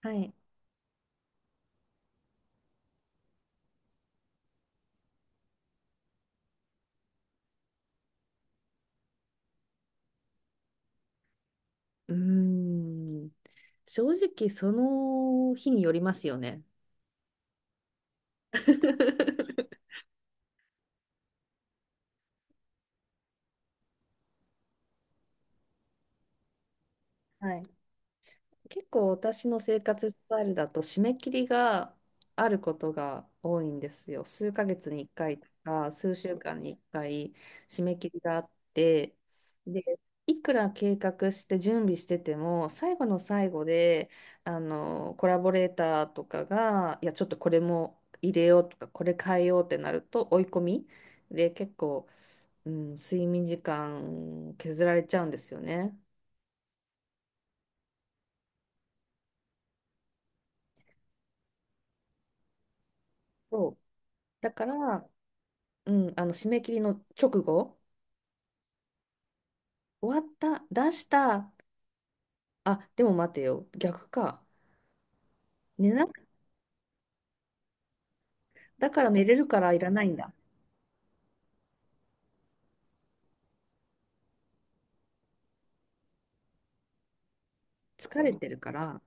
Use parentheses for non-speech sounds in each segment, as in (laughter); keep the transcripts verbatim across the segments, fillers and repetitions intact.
はい。うーん。正直、その日によりますよね。(laughs) はい。結構私の生活スタイルだと締め切りがあることが多いんですよ。数ヶ月にいっかいとか数週間にいっかい締め切りがあって、で、いくら計画して準備してても最後の最後であのコラボレーターとかがいやちょっとこれも入れようとかこれ変えようってなると追い込みで結構、うん、睡眠時間削られちゃうんですよね。そう、だからうん、あの締め切りの直後、終わった、出した、あ、でも待てよ、逆か。寝な、だから寝れるからいらないんだ。疲れてるから、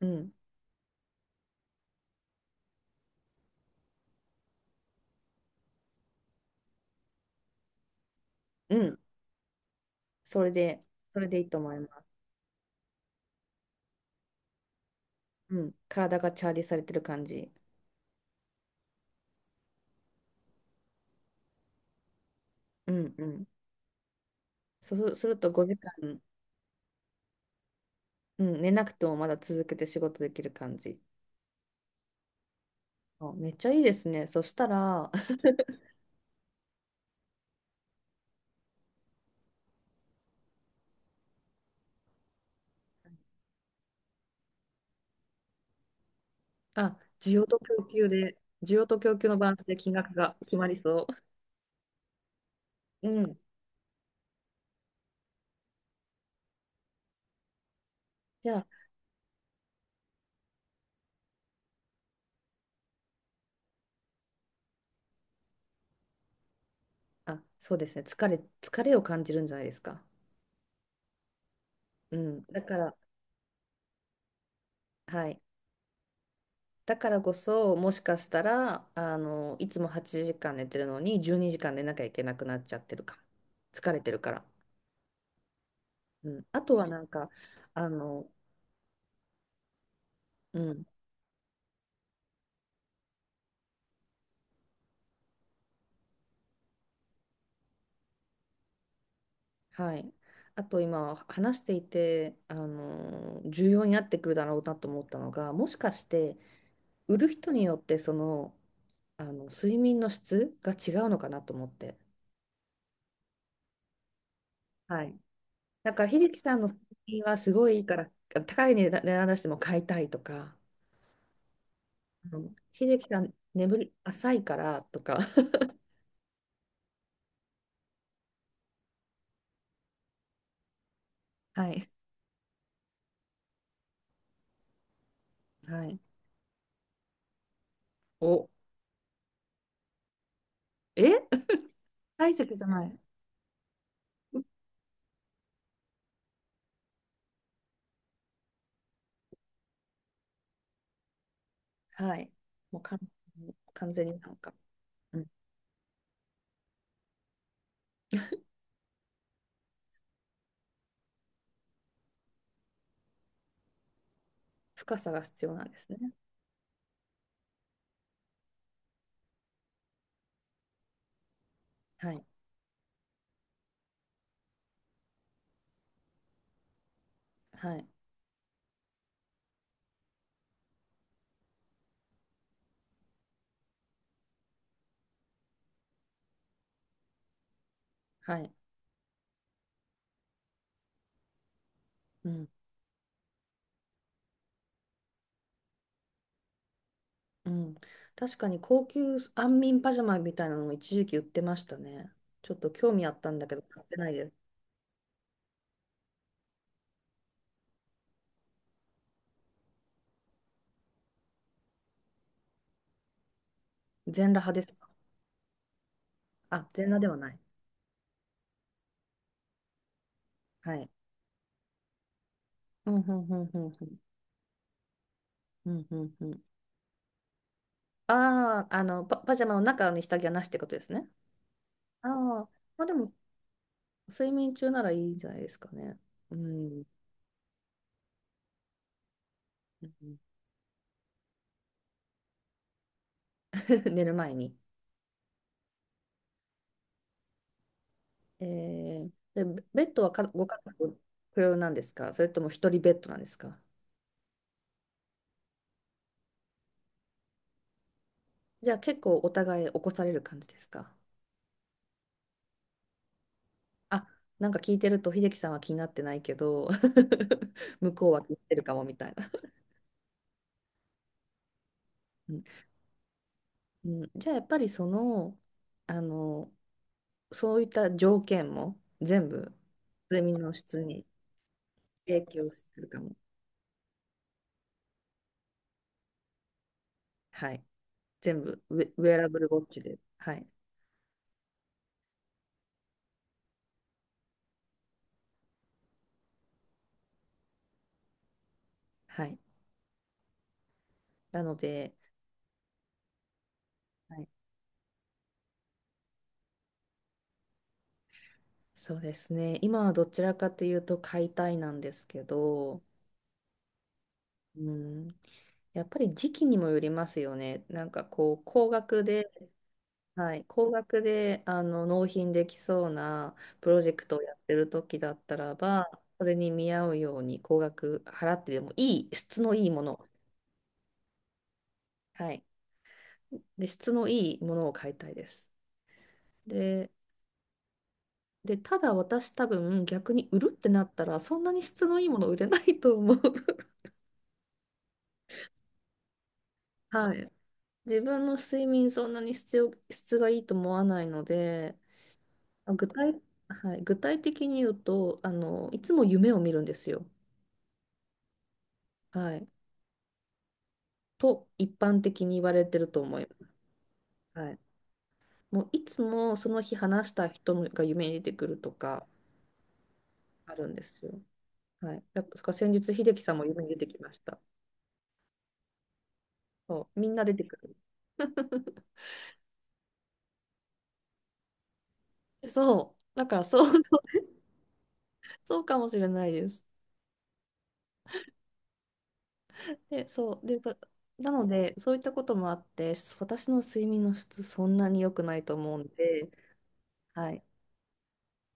うん、うん、それで、それでいいと思います。うん、体がチャージされてる感じ。うん、うん。そうするとごじかん、うん、寝なくてもまだ続けて仕事できる感じ。あ、めっちゃいいですね。そしたら、(laughs) あ、需要と供給で、需要と供給のバランスで金額が決まりそう。うん。じゃあ、あ、そうですね。疲れ、疲れを感じるんじゃないですか。うん。だから、はい。だからこそ、もしかしたら、あの、いつもはちじかん寝てるのに、じゅうにじかん寝なきゃいけなくなっちゃってるかも。疲れてるから。うん。あとはなんか、あの、うん。はい。あと今、話していて、あの、重要になってくるだろうなと思ったのが、もしかして、売る人によって、その、あの、睡眠の質が違うのかなと思って。はい。なんか、秀樹さんの作品はすごいいいから、高い値段値段出しても買いたいとか、あの秀樹さん、眠り浅いからとか、(laughs) はい。はい。お、え、体積じゃない。はい。もう完全に完全になんか、うん、深さが必要なんですね。はい。はい。はい。うん。うん。確かに高級安眠パジャマみたいなのも一時期売ってましたね。ちょっと興味あったんだけど、買ってないです。全裸派ですか？あ、全裸ではない。はい。うんうんうんうんうん。うんうんうん。ああ、あの、パ、パジャマの中に下着はなしってことですね。ああ、まあでも、睡眠中ならいいんじゃないですかね。うん。うん。 (laughs) 寝る前に。えー、で、ベベッドはかご家族不要なんですか？それとも一人ベッドなんですか？じゃあ結構お互い起こされる感じですか？あ、なんか聞いてると秀樹さんは気になってないけど (laughs) 向こうは気になってるかもみたいな。うん、うん。じゃあやっぱりその、あのそういった条件も全部睡眠の質に影響するかも。はい。全部ウェ、ウェアラブルウォッチで。はい。はい。なので、はい、そうですね。今はどちらかというと買いたいなんですけど、うん、やっぱり時期にもよりますよね。なんかこう、高額で、はい、高額であの納品できそうなプロジェクトをやってる時だったらば、それに見合うように高額払ってでもいい、質のいいもの、はい。で、質のいいものを買いたいです。で、で、ただ私多分逆に売るってなったらそんなに質のいいもの売れないと思う。(laughs) はい。自分の睡眠そんなに質を質がいいと思わないので、あ具体、はい、具体的に言うと、あの、いつも夢を見るんですよ。はい。と一般的に言われてると思います。はい。もういつもその日話した人が夢に出てくるとかあるんですよ。はい。だから先日、秀樹さんも夢に出てきました。そう、みんな出てくる。(laughs) そう、だからそう、(laughs) そうそうかもしれないです。で、そう、で、そ、なので、そういったこともあって、私の睡眠の質、そんなに良くないと思うんで、はい、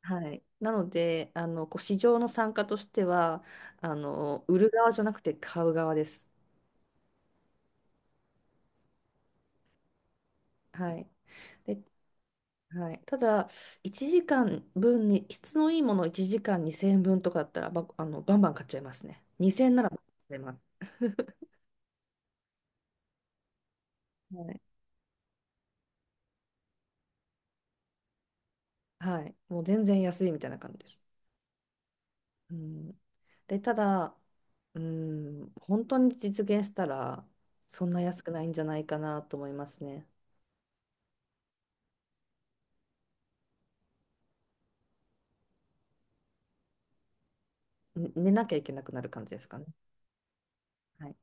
はい。なので、あの、こう市場の参加としては、あの、売る側じゃなくて買う側です。はい。で、はい、ただ、いちじかんぶんに、質のいいものをいちじかんにせんえんぶんとかだったら、ば、あの、バンバン買っちゃいますね。にせんえんなら買っちゃいます。はい。はい。もう全然安いみたいな感じです。うん。で、ただ、うん、本当に実現したら、そんな安くないんじゃないかなと思いますね。ね寝なきゃいけなくなる感じですかね。はい。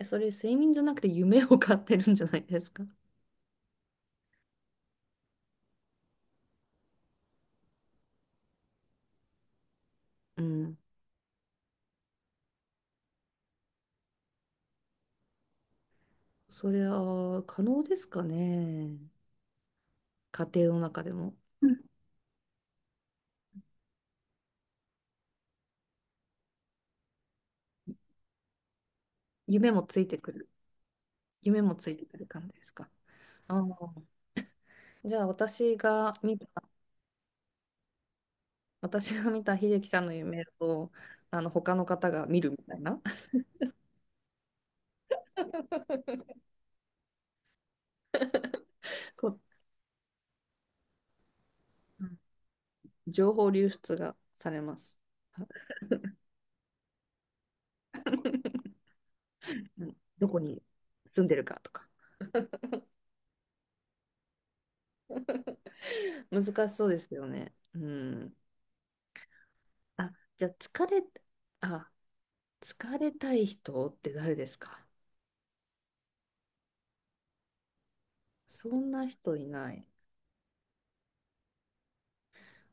えそれ、睡眠じゃなくて夢を買ってるんじゃないですか。(laughs) うん。それは可能ですかね。家庭の中でも。うん。夢もついてくる。夢もついてくる感じですか？ああ。じゃあ、私が見る私が見た秀樹さんの夢をあの他の方が見るみたいな。こう (laughs) うん。情報流出がされます。うん、どこに住んでるかとか。難しそうですよね。うん。あ、じゃあ疲れ、あ、疲れたい人って誰ですか？そんな人いない。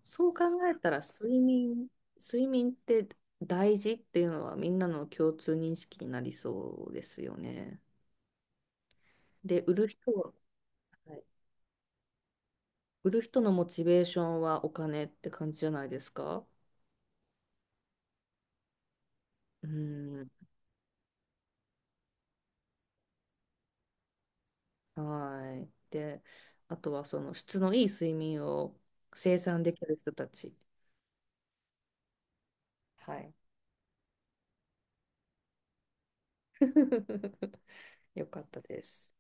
そう考えたら睡眠、睡眠、って大事っていうのはみんなの共通認識になりそうですよね。で、売る人は、はい。売る人のモチベーションはお金って感じじゃないですか。うん、はい。で、あとはその質のいい睡眠を生産できる人たち。はい。(laughs) よかったです。